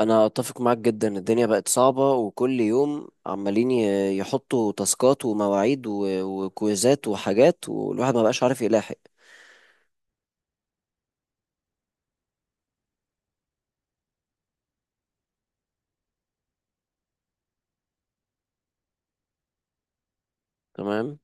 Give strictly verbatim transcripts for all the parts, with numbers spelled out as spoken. انا اتفق معاك جدا. الدنيا بقت صعبة وكل يوم عمالين ي- يحطوا تاسكات ومواعيد و- وكويزات وحاجات، والواحد ما بقاش عارف يلاحق. تمام.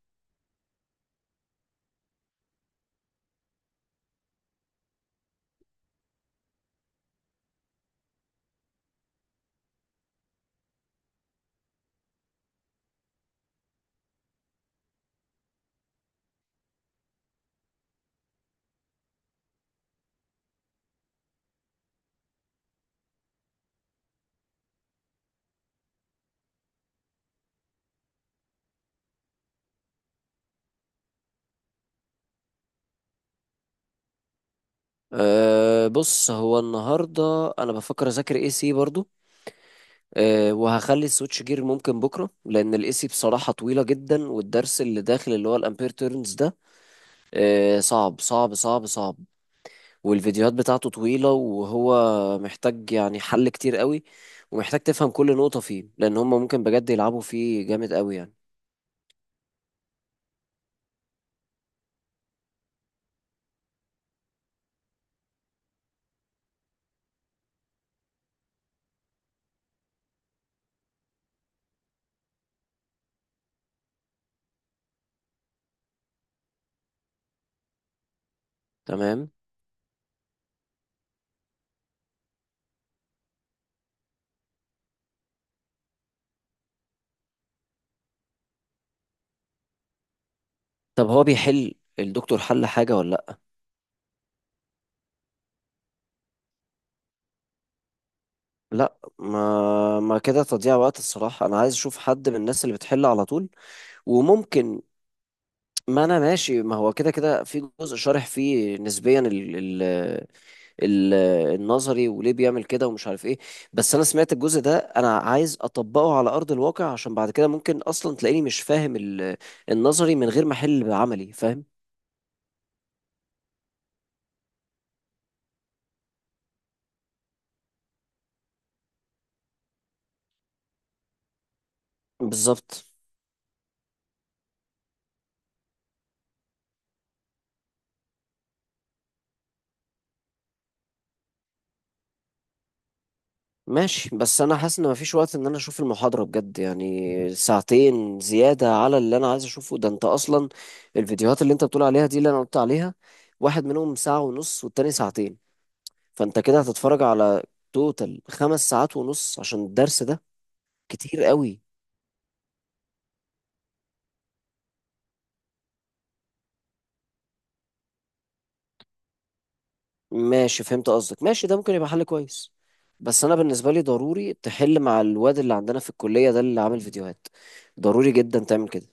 أه بص، هو النهاردة انا بفكر اذاكر اي سي برضو. أه وهخلي السويتش جير ممكن بكرة، لان الاي سي بصراحة طويلة جدا، والدرس اللي داخل اللي هو الامبير تيرنز ده أه صعب صعب صعب صعب. والفيديوهات بتاعته طويلة، وهو محتاج يعني حل كتير قوي، ومحتاج تفهم كل نقطة فيه، لأن هم ممكن بجد يلعبوا فيه جامد قوي يعني. تمام. طب هو بيحل الدكتور حل حاجة ولا لأ؟ لأ، ما ما كده تضييع وقت الصراحة. أنا عايز أشوف حد من الناس اللي بتحل على طول. وممكن، ما أنا ماشي، ما هو كده كده في جزء شارح فيه نسبيا ال- ال- ال- النظري وليه بيعمل كده ومش عارف ايه. بس انا سمعت الجزء ده، انا عايز اطبقه على ارض الواقع، عشان بعد كده ممكن اصلا تلاقيني مش فاهم ال- النظري من غير ما احل، بعملي فاهم. بالظبط. ماشي بس انا حاسس ان مفيش وقت ان انا اشوف المحاضرة بجد، يعني ساعتين زيادة على اللي انا عايز اشوفه ده انت اصلا. الفيديوهات اللي انت بتقول عليها دي اللي انا قلت عليها، واحد منهم ساعة ونص والتاني ساعتين. فانت كده هتتفرج على توتال خمس ساعات ونص عشان الدرس ده. كتير قوي. ماشي، فهمت قصدك. ماشي، ده ممكن يبقى حل كويس. بس انا بالنسبه لي ضروري تحل مع الواد اللي عندنا في الكليه ده اللي عامل فيديوهات. ضروري جدا تعمل كده.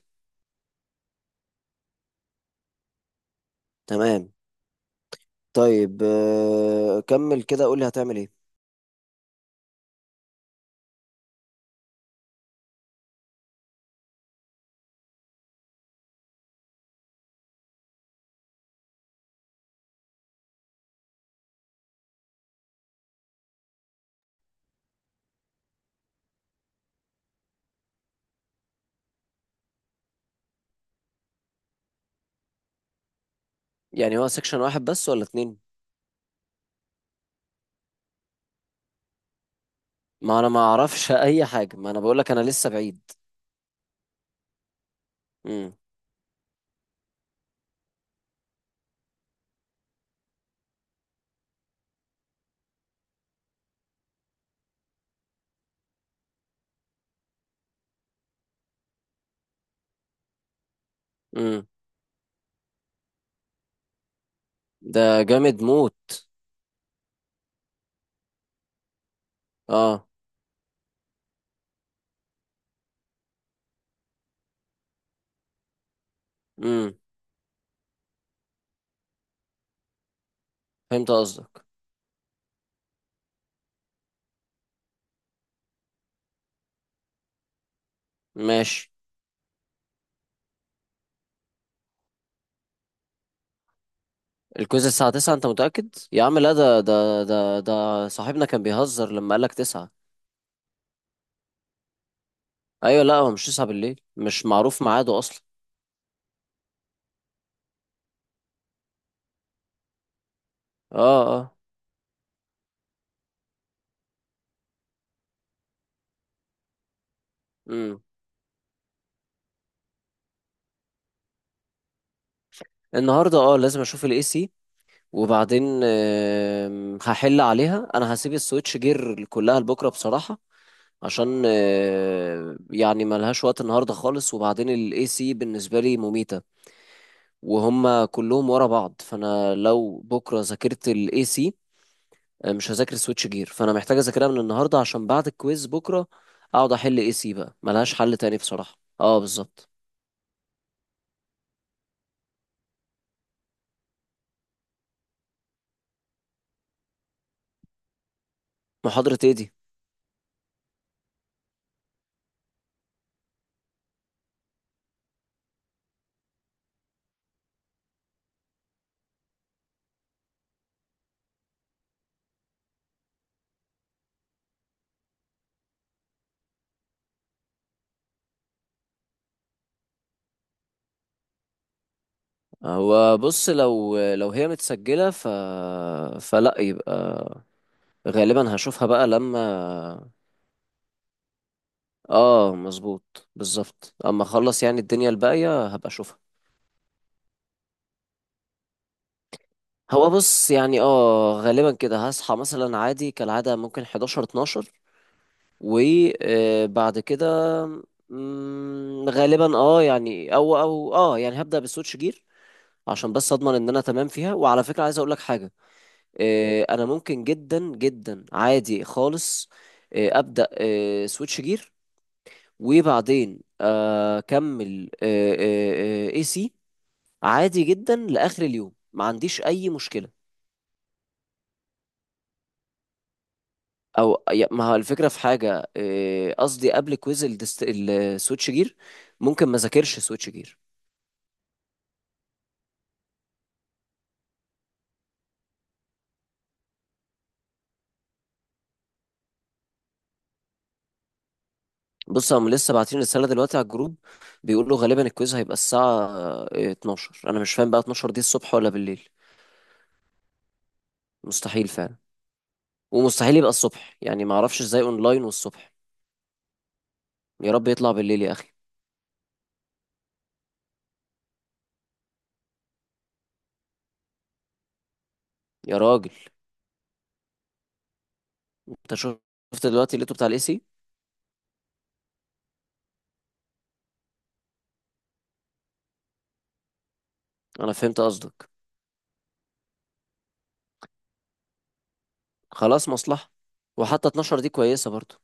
تمام. طيب آه، كمل كده، قول لي هتعمل ايه. يعني هو سيكشن واحد بس ولا اتنين؟ ما انا ما اعرفش اي حاجه، ما انا بقول لك انا لسه بعيد. امم. امم. ده جامد موت. اه. امم. فهمت قصدك. ماشي. الكويز الساعه التاسعة؟ انت متاكد يا عم؟ لا، ده ده ده ده صاحبنا كان بيهزر لما قال لك تسعة. ايوه، لا هو مش تسعة بالليل، مش معروف ميعاده اصلا. اه، اه. امم. النهارده اه لازم اشوف الاي سي. وبعدين آم، هحل عليها. انا هسيب السويتش جير كلها لبكره بصراحه، عشان آه، يعني ملهاش وقت النهارده خالص. وبعدين الاي سي بالنسبه لي مميته، وهم كلهم ورا بعض. فانا لو بكره ذاكرت الاي سي مش هذاكر سويتش جير، فانا محتاج اذاكرها من النهارده. عشان بعد الكويز بكره اقعد احل اي سي، بقى ملهاش حل تاني بصراحه. اه، بالظبط. محاضرة ايه دي؟ هو بص، لو لو هي متسجلة ف فلا يبقى، غالبا هشوفها بقى لما. اه، مظبوط، بالظبط. اما اخلص يعني الدنيا الباقية هبقى اشوفها. هو بص يعني، اه غالبا كده هصحى مثلا عادي كالعادة ممكن حداشر اتناشر، وبعد كده مم، غالبا اه يعني او او اه يعني هبدأ بسويتش جير. عشان بس اضمن ان انا تمام فيها. وعلى فكرة عايز اقول لك حاجة. آه، انا ممكن جدا جدا عادي خالص آه، ابدا آه، سويتش جير وبعدين آه، اكمل اي سي. عادي جدا لاخر اليوم، ما عنديش اي مشكله. او يا- ما هو الفكره في حاجه، آه، قصدي قبل كويز الدست- السويتش جير ممكن ما ذاكرش سويتش جير. بص هم لسه باعتين رساله دلوقتي على الجروب. بيقولوا غالبا الكويز هيبقى الساعه آه، اتناشر. انا مش فاهم بقى اتناشر دي الصبح ولا بالليل؟ مستحيل فعلا. ومستحيل يبقى الصبح، يعني ما اعرفش ازاي اونلاين والصبح. يا رب يطلع بالليل يا اخي. يا راجل. انت شفت دلوقتي اللي بتاع الاي سي. انا فهمت قصدك. خلاص، مصلحة. وحتى اتناشر دي كويسة برضو.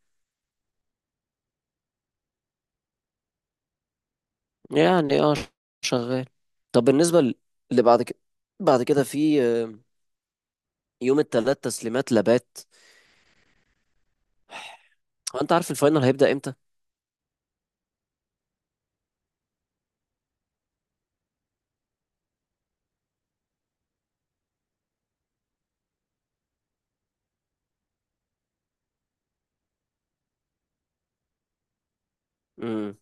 يعني اه شغال. طب بالنسبة ل- اللي بعد كده، بعد كده في آه، يوم التلات تسليمات لابات. هو انت عارف الفاينل هيبدأ امتى؟ امم.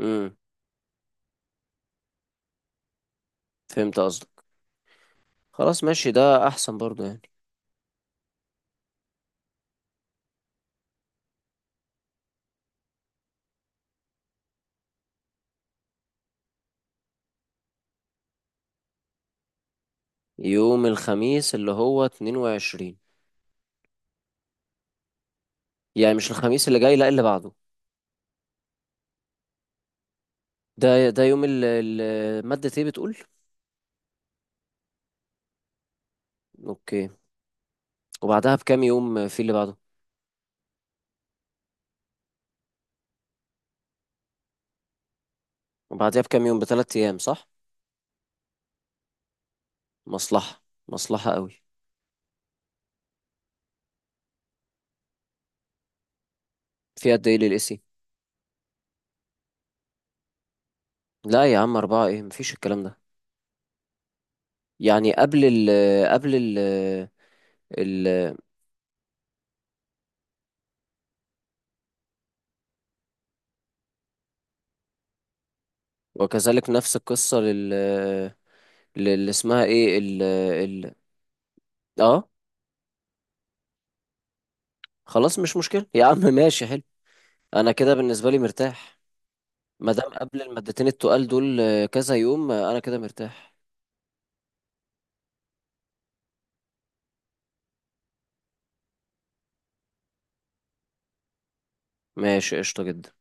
امم. فهمت قصدك. خلاص، ماشي، ده احسن برضو يعني. يوم الخميس اللي هو اتنين وعشرين يعني؟ مش الخميس اللي جاي، لا اللي بعده. ده ده يوم ال- ال- مادة ايه بتقول؟ اوكي. وبعدها بكام يوم في اللي بعده؟ وبعدها بكام يوم بثلاث ايام صح؟ مصلحة. مصلحة قوي. في قد ايه للاسي؟ لا يا عم، اربعة ايه، مفيش الكلام ده. يعني قبل ال، قبل ال، ال، وكذلك نفس القصة لل، اللي اسمها ايه ال ال اه. خلاص مش مشكلة يا عم ماشي حلو. انا كده بالنسبة لي مرتاح. ما دام قبل المادتين التقال دول كذا يوم انا كده مرتاح. ماشي قشطة جدا.